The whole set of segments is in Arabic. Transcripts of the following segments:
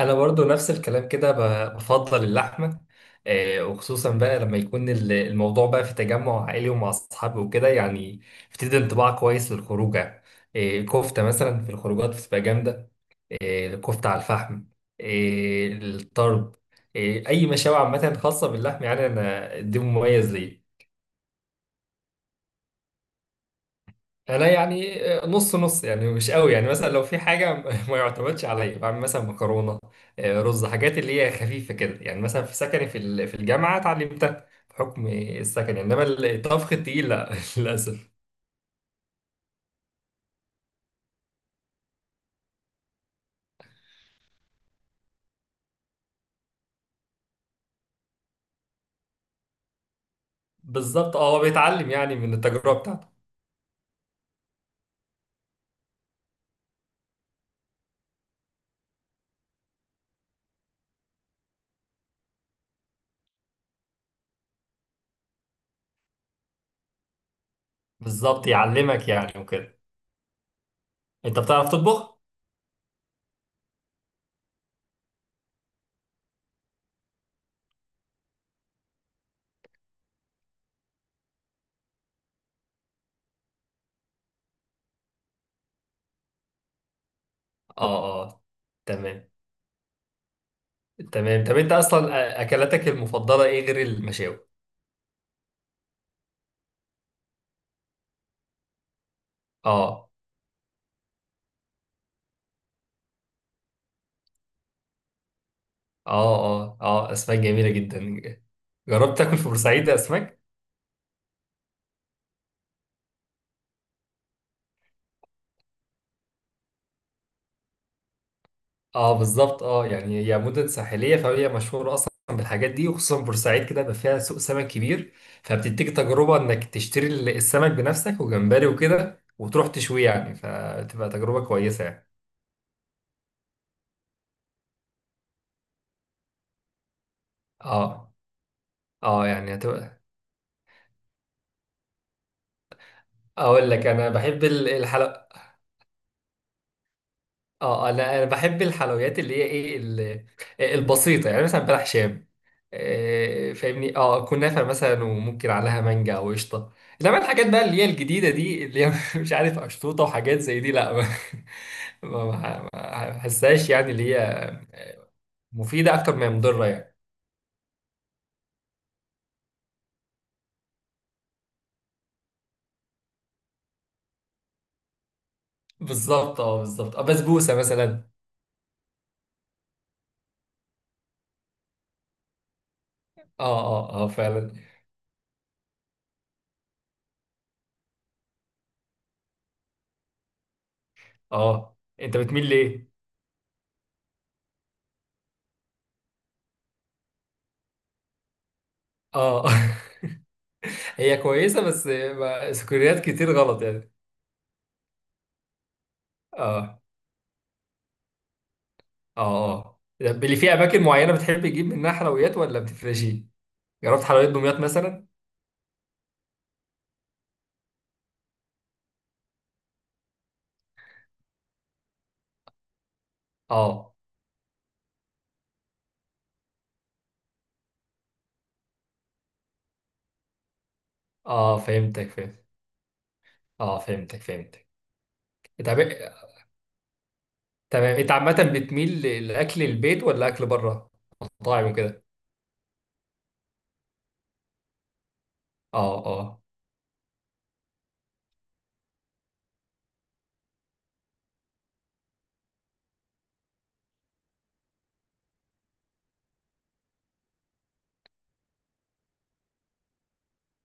انا برضو نفس الكلام كده بفضل اللحمه. آه، وخصوصا بقى لما يكون الموضوع بقى في تجمع عائلي ومع اصحابي وكده يعني. بتدي انطباع كويس للخروجه. آه، كفته مثلا في الخروجات بتبقى جامده. آه، كفته على الفحم. آه، الطرب. آه، اي مشاوي عامه خاصه باللحم، يعني انا دي مميز ليا. انا يعني آه، نص نص، يعني مش قوي، يعني مثلا لو في حاجه ما يعتمدش عليا. بعمل مثلا مكرونه، آه، رز، حاجات اللي هي خفيفه كده، يعني مثلا في سكني، في الجامعه اتعلمتها بحكم السكن، انما الطبخ التقيل لا للاسف. بالظبط، اه، هو بيتعلم يعني من التجربه بتاعته. بالظبط يعلمك يعني وكده. انت بتعرف تطبخ؟ اه، اه، تمام. تمام، طب انت اصلا آه، اكلاتك المفضله ايه غير المشاوي؟ اه، اه، اه، اه، اسماك جميله جدا. جربت تاكل في بورسعيد اسماك؟ اه بالظبط، اه، يعني هي مدن ساحليه فهي مشهوره اصلا بالحاجات دي، وخصوصا بورسعيد كده بقى فيها سوق سمك كبير. فبتديك تجربه انك تشتري السمك بنفسك وجمبري وكده وتروح تشويه، يعني فتبقى تجربه كويسه يعني. اه، اه، يعني هتبقى. اقول لك انا بحب الحلويات. اه آه، لا انا بحب الحلويات اللي هي ايه آه، البسيطه، يعني مثلا بلح شام، آه، فاهمني، اه كنافه مثلا، وممكن عليها مانجا او قشطه. انما الحاجات بقى اللي هي الجديده دي اللي هي مش عارف اشطوطه وحاجات زي دي، لا، ما ما بحسهاش يعني، اللي هي مفيده اكتر ما هي مضره يعني. بالظبط اه، بالظبط اه، بسبوسه مثلا. اه، اه، اه، فعلا. اه، انت بتميل ليه؟ اه هي كويسه، بس سكريات كتير غلط يعني. اه، اه، طب اللي فيه اماكن معينه بتحب تجيب منها حلويات ولا بتفرشي؟ جربت حلويات دمياط مثلا؟ اه، اه، فهمتك، فهمت. اه فهمتك فهمتك. إنت عم- تمام، انت عامه بتميل لاكل البيت ولا اكل بره مطاعم وكده؟ اه، اه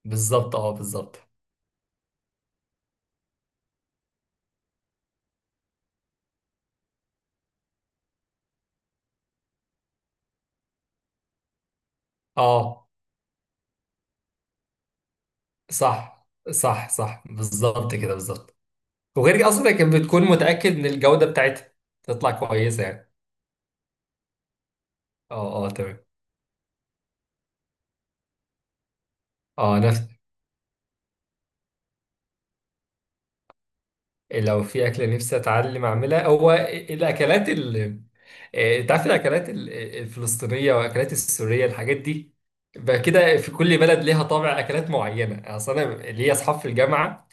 بالظبط، اه بالظبط اه. صح، صح، صح، بالظبط كده بالظبط. وغير كده اصلا كانت بتكون متاكد ان الجوده بتاعتها تطلع كويسه يعني. اه، اه، تمام. اه، لو في أكلة نفسي أتعلم أعملها، هو الأكلات آه، أنت عارف الأكلات الفلسطينية وأكلات السورية، الحاجات دي بقى كده في كل بلد ليها طابع أكلات معينة. أصل أنا ليا أصحاب في الجامعة،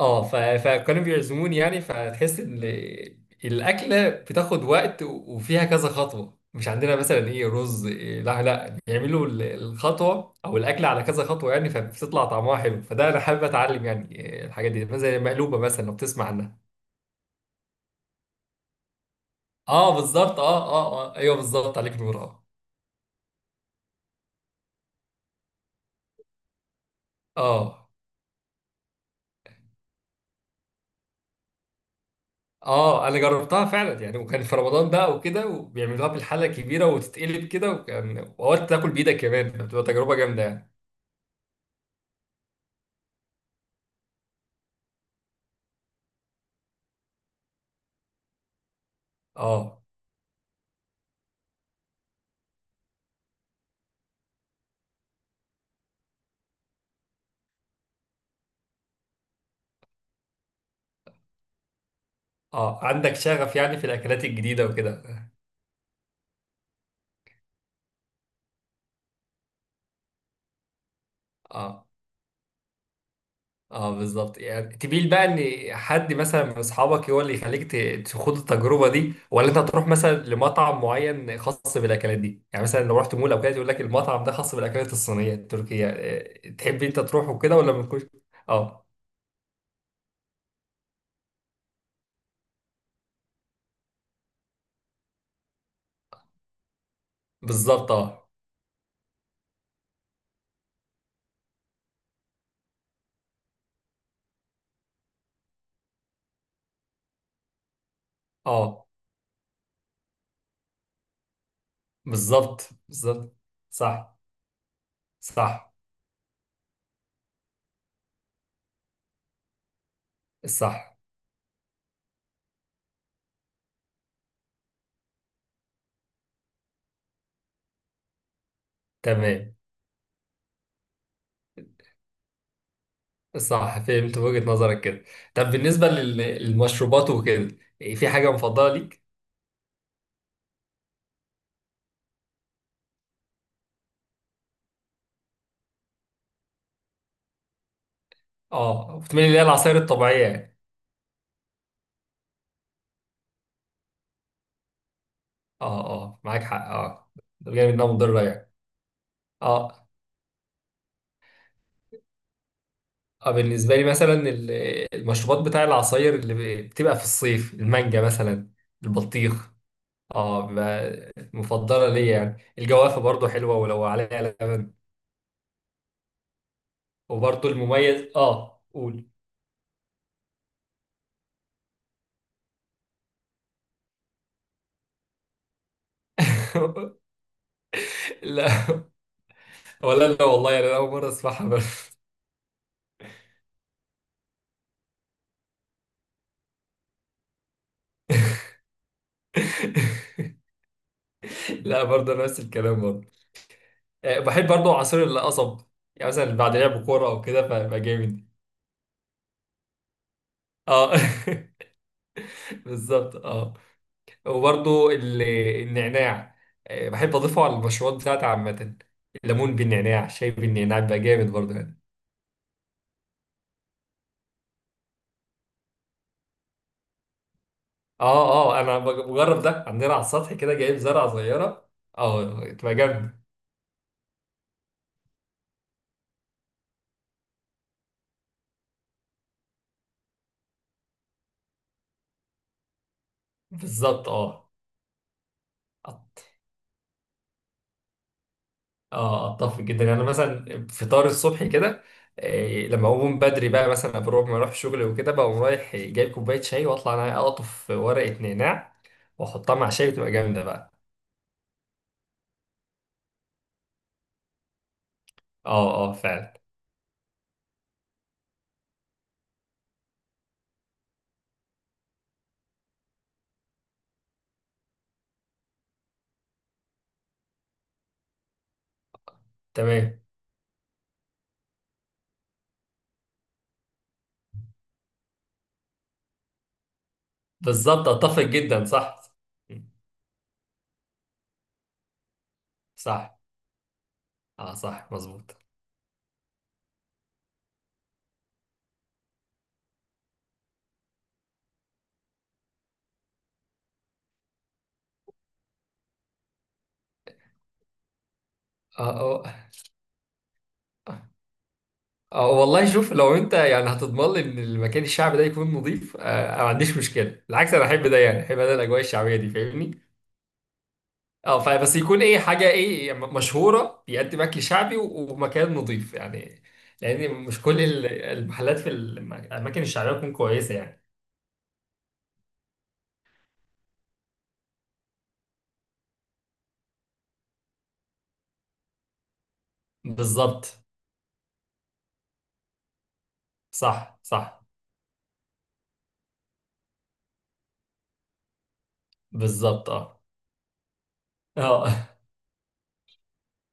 أه فكانوا بيعزموني يعني، فتحس إن الأكلة بتاخد وقت وفيها كذا خطوة، مش عندنا مثلا إيه رز إيه، لا لا، بيعملوا الخطوة أو الأكلة على كذا خطوة يعني، فبتطلع طعمها حلو. فده أنا حابب أتعلم يعني آه، الحاجات دي مثلا زي المقلوبة مثلا، لو بتسمع عنها. اه بالظبط، اه، اه، اه، ايوه بالظبط، عليك نور اه. اه، اه، انا جربتها فعلا يعني، وكان في رمضان بقى وكده، وبيعملوها بالحله الكبيره وتتقلب كده، واوقات تاكل بايدك كمان، فبتبقى تجربه جامده يعني. اه، اه، عندك شغف يعني في الاكلات الجديده وكده؟ اه، اه بالظبط، يعني تبيل بقى ان حد مثلا من اصحابك هو اللي يخليك تخوض التجربه دي، ولا انت تروح مثلا لمطعم معين خاص بالاكلات دي يعني، مثلا لو رحت مول او كده يقول لك المطعم ده خاص بالاكلات الصينيه التركيه آه، تحب انت تروح وكده ولا ما تكونش. اه بالظبط، اه، اه بالظبط بالظبط. صح، صح، صح. تمام، صح فهمت وجهة نظرك كده. طب بالنسبه للمشروبات وكده إيه، في حاجه مفضله ليك؟ اه، بتميل اللي هي العصائر الطبيعيه يعني. اه، اه، معاك حق اه. ده جاي منها مضرة يعني. اه، اه، بالنسبة لي مثلا المشروبات بتاع العصاير اللي بتبقى في الصيف، المانجا مثلا، البطيخ. اه، مفضلة ليا يعني. الجوافة برضو حلوة ولو عليها لبن. وبرضو المميز اه قول. لا، ولا لا والله، يعني انا اول مرة اسمعها بس. لا، برضو نفس الكلام برضو. آه، بحب برضو عصير القصب، يعني مثلا بعد لعب كورة او كده فبقى جامد. اه بالظبط اه. وبرضو النعناع، آه، بحب اضيفه على المشروبات بتاعتي عامه. الليمون بالنعناع، شاي بالنعناع، بيبقى جامد برضو يعني. اه، اه، انا بجرب ده عندنا على السطح كده، جايب زرعه صغيره. اه تبقى جامده. بالظبط اه. اه اتفق جدا يعني، أنا مثلا فطار الصبح كده آه، لما اقوم بدري بقى مثلا ما اروح شغل وكده، بقوم رايح جايب كوبايه شاي واطلع انا اقطف ورقه نعناع واحطها مع شاي، بتبقى جامده بقى. اه، اه، فعلا. تمام بالظبط، اتفق جدا صح. صح اه، صح مظبوط. اه، اه، اه والله، شوف لو انت يعني هتضمن لي ان المكان الشعبي ده يكون نظيف آه، انا ما عنديش مشكله، بالعكس انا احب ده يعني، احب انا الاجواء الشعبيه دي فاهمني. اه، فبس يكون ايه، حاجه ايه، مشهوره بيقدم اكل شعبي ومكان نظيف يعني. لان مش كل المحلات في الاماكن الشعبيه تكون كويسه يعني. بالظبط صح، صح بالظبط. اه، اه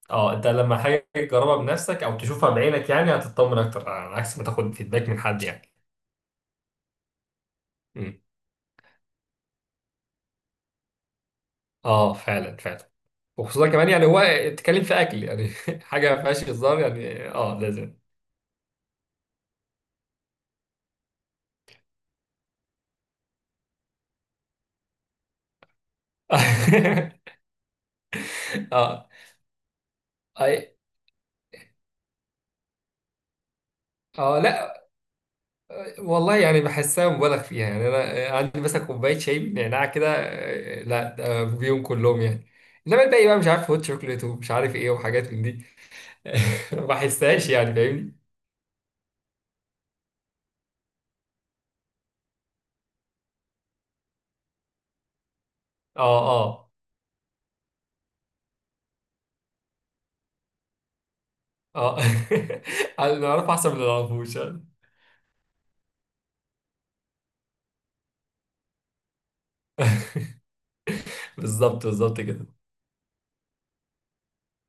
اه، انت لما حاجه تجربها بنفسك او تشوفها بعينك يعني هتطمن اكتر، على عكس ما تاخد فيدباك من حد يعني. امم. اه فعلا فعلا. وخصوصا كمان يعني هو اتكلم في اكل، يعني حاجه ما فيهاش هزار يعني، اه لازم. اه، اي، اه لا والله، يعني بحسها مبالغ فيها يعني. انا عندي مثلا كوبايه شاي بالنعناع كده آه، لا ده بيهم كلهم يعني. انما الباقي بقى مش عارف هوت شوكليت ومش عارف ايه وحاجات من دي. ما بحسهاش يعني فاهمني. اه، اه، اه اللي نعرفه احسن من اللي ما نعرفوش. بالظبط، بالظبط كده.